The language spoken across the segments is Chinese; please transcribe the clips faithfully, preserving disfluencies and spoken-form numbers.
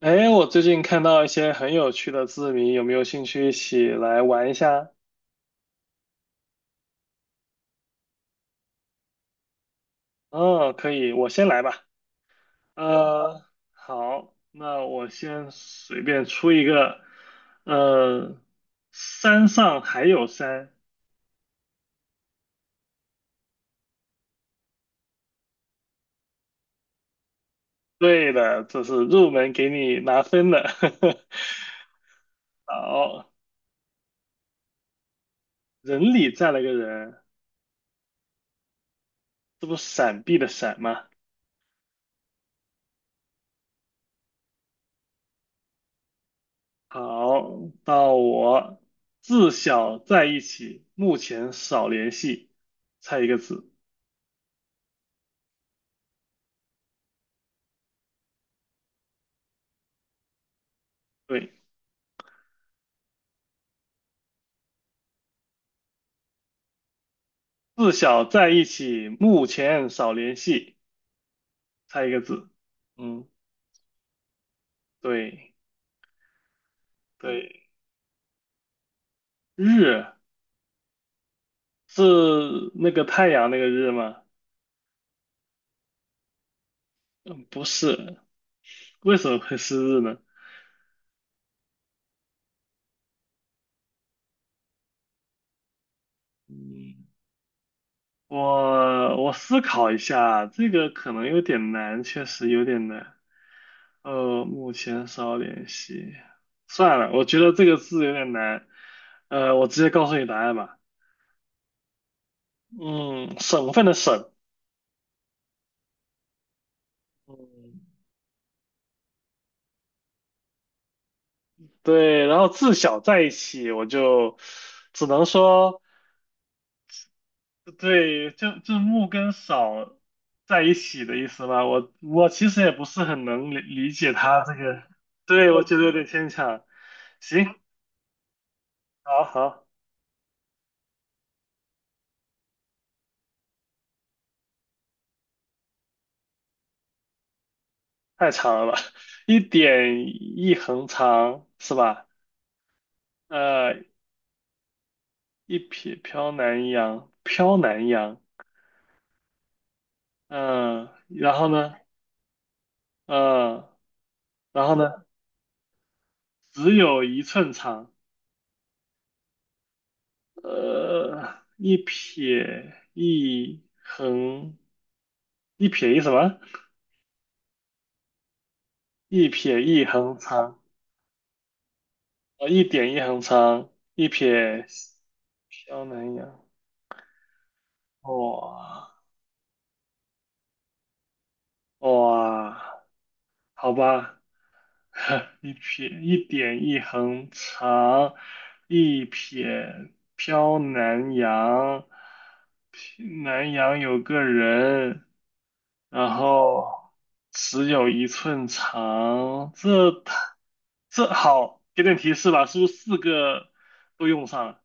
哎，我最近看到一些很有趣的字谜，有没有兴趣一起来玩一下？嗯，可以，我先来吧。呃，好，那我先随便出一个。呃，山上还有山，对的，这是入门给你拿分的。好，人里站了个人，这不闪避的闪吗？好，到我，自小在一起，目前少联系，猜一个字。对，自小在一起，目前少联系，猜一个字。嗯，对对，日是那个太阳那个日吗？嗯，不是，为什么会是日呢？我我思考一下，这个可能有点难，确实有点难。呃，目前少联系，算了，我觉得这个字有点难。呃，我直接告诉你答案吧。嗯，省份的省。嗯对，然后自小在一起，我就只能说，对，就就木跟少在一起的意思吧。我我其实也不是很能理理解他这个，对，我觉得有点牵强。行，好好，太长了吧，一点一横长是吧？呃，一撇飘南洋，飘南洋，嗯、然后呢，嗯、然后呢，只有一寸长。呃，一撇一横，一撇一什么？一撇一横长，呃，一点一横长，一撇萧南洋，哇哇，好吧，一撇一点一横长，一撇飘南洋，南洋有个人。然后只有一寸长，这太这好，给点提示吧，是不是四个都用上了？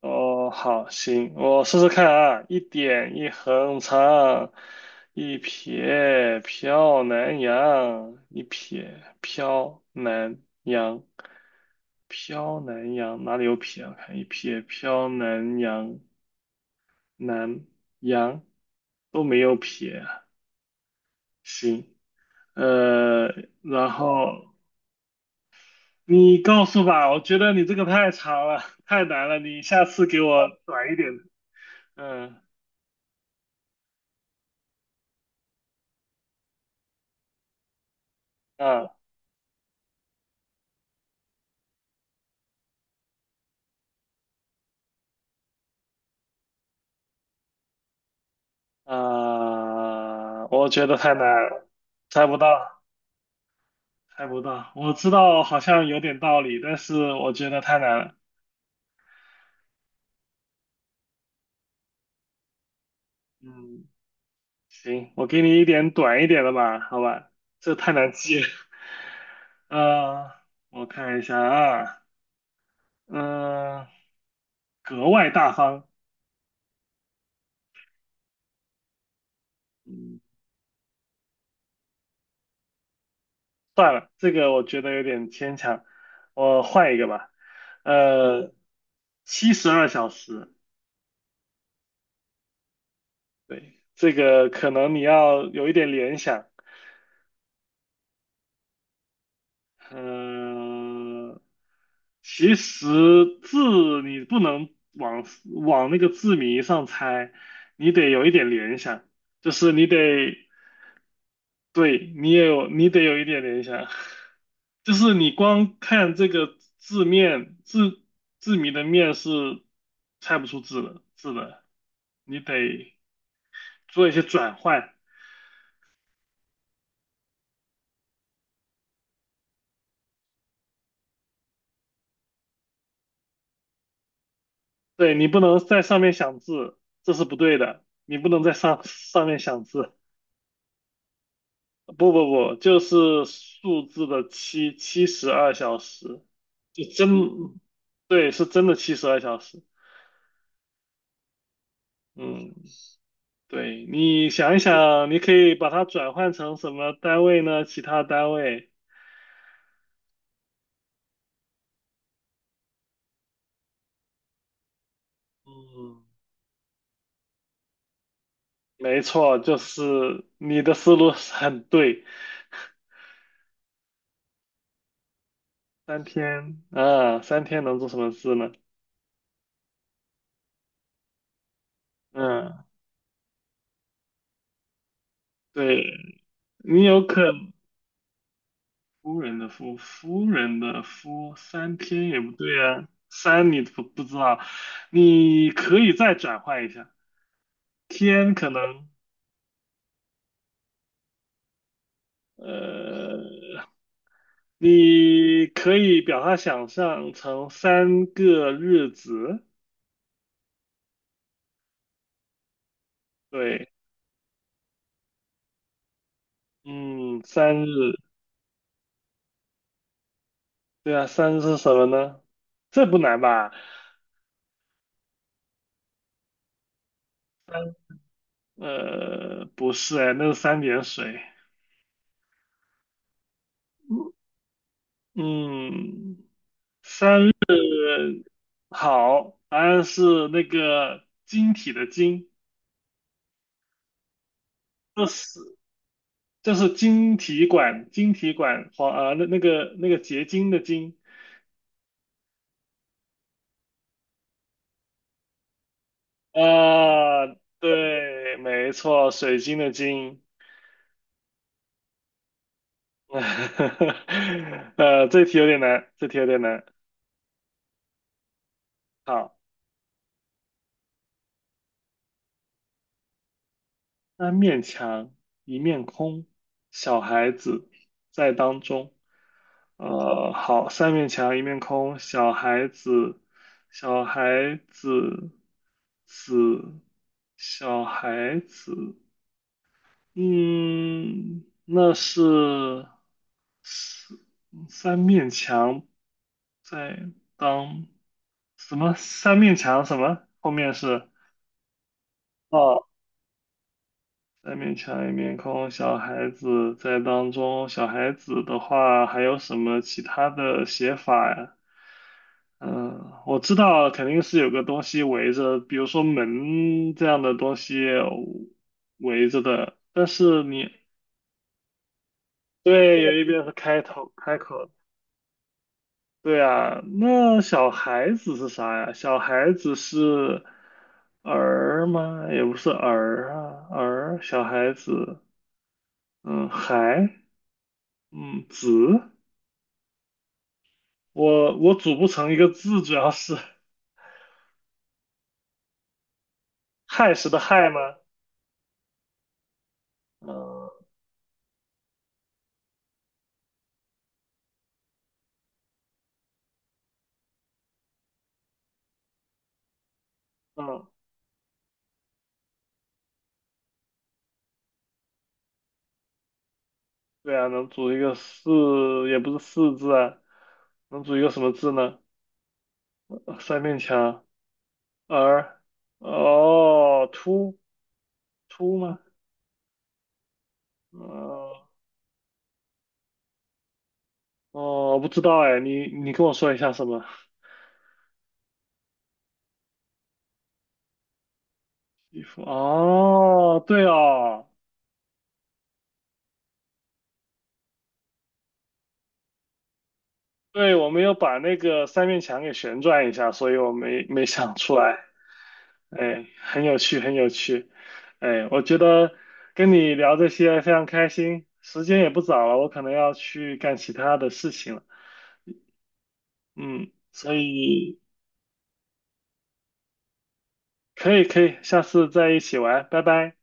哦，好，行，我试试看啊，一点一横长，一撇飘南洋，一撇飘南洋，飘南洋哪里有撇啊？我看一撇飘南洋，南洋都没有撇啊，行。呃，然后你告诉吧，我觉得你这个太长了，太难了，你下次给我短一点的。嗯，啊啊我觉得太难了，猜不到，猜不到。我知道好像有点道理，但是我觉得太难了。嗯，行，我给你一点短一点的吧，好吧，这太难记了。呃，我看一下啊，嗯、格外大方。嗯算了，这个我觉得有点牵强，我换一个吧。呃，七十二小时，对，这个可能你要有一点联想。嗯，其实字你不能往往那个字谜上猜，你得有一点联想，就是你得对，你也有，你得有一点联想，就是你光看这个字面，字字谜的面是猜不出字的字的，你得做一些转换，对，你不能在上面想字，这是不对的，你不能在上上面想字，不不不，就是数字的七，七十二小时，就真，对，是真的七十二小时，嗯。对，你想一想，你可以把它转换成什么单位呢？其他单位。嗯，没错，就是你的思路是很对。三天，啊，三天能做什么事呢？嗯，对，你有可夫人的夫，夫人的夫，三天也不对啊，三你不不知道，你可以再转换一下，天可能，呃。你可以把它想象成三个日子，对，嗯，三日，对啊，三日是什么呢？这不难吧？三，呃，不是哎，那是三点水。嗯，呃好，答案是那个晶体的晶，就是就是晶体管，晶体管黄啊，那那个那个结晶的晶啊，对，没错，水晶的晶。呃，这题有点难，这题有点难。好，三面墙，一面空，小孩子在当中。呃，好，三面墙，一面空，小孩子，小孩子，子，小孩子。嗯，那是三三面墙在当什么？三面墙什么？后面是。哦，三面墙一面空，小孩子在当中。小孩子的话，还有什么其他的写法呀？嗯，我知道肯定是有个东西围着，比如说门这样的东西围着的。但是你，对，有一边是开头开口对啊，那小孩子是啥呀？小孩子是儿吗？也不是儿啊，儿，小孩子，嗯，孩。嗯，子，我我组不成一个字，主要是亥时的亥吗？嗯嗯，对啊，能组一个四，也不是四字啊，能组一个什么字呢？呃三面墙，儿，哦，凸凸吗？呃，哦，我不知道哎，你你跟我说一下什么？衣服哦，对哦，对，我没有把那个三面墙给旋转一下，所以我没没想出来。哎，很有趣，很有趣。哎，我觉得跟你聊这些非常开心，时间也不早了，我可能要去干其他的事情了。嗯，所以可以可以，下次再一起玩，拜拜。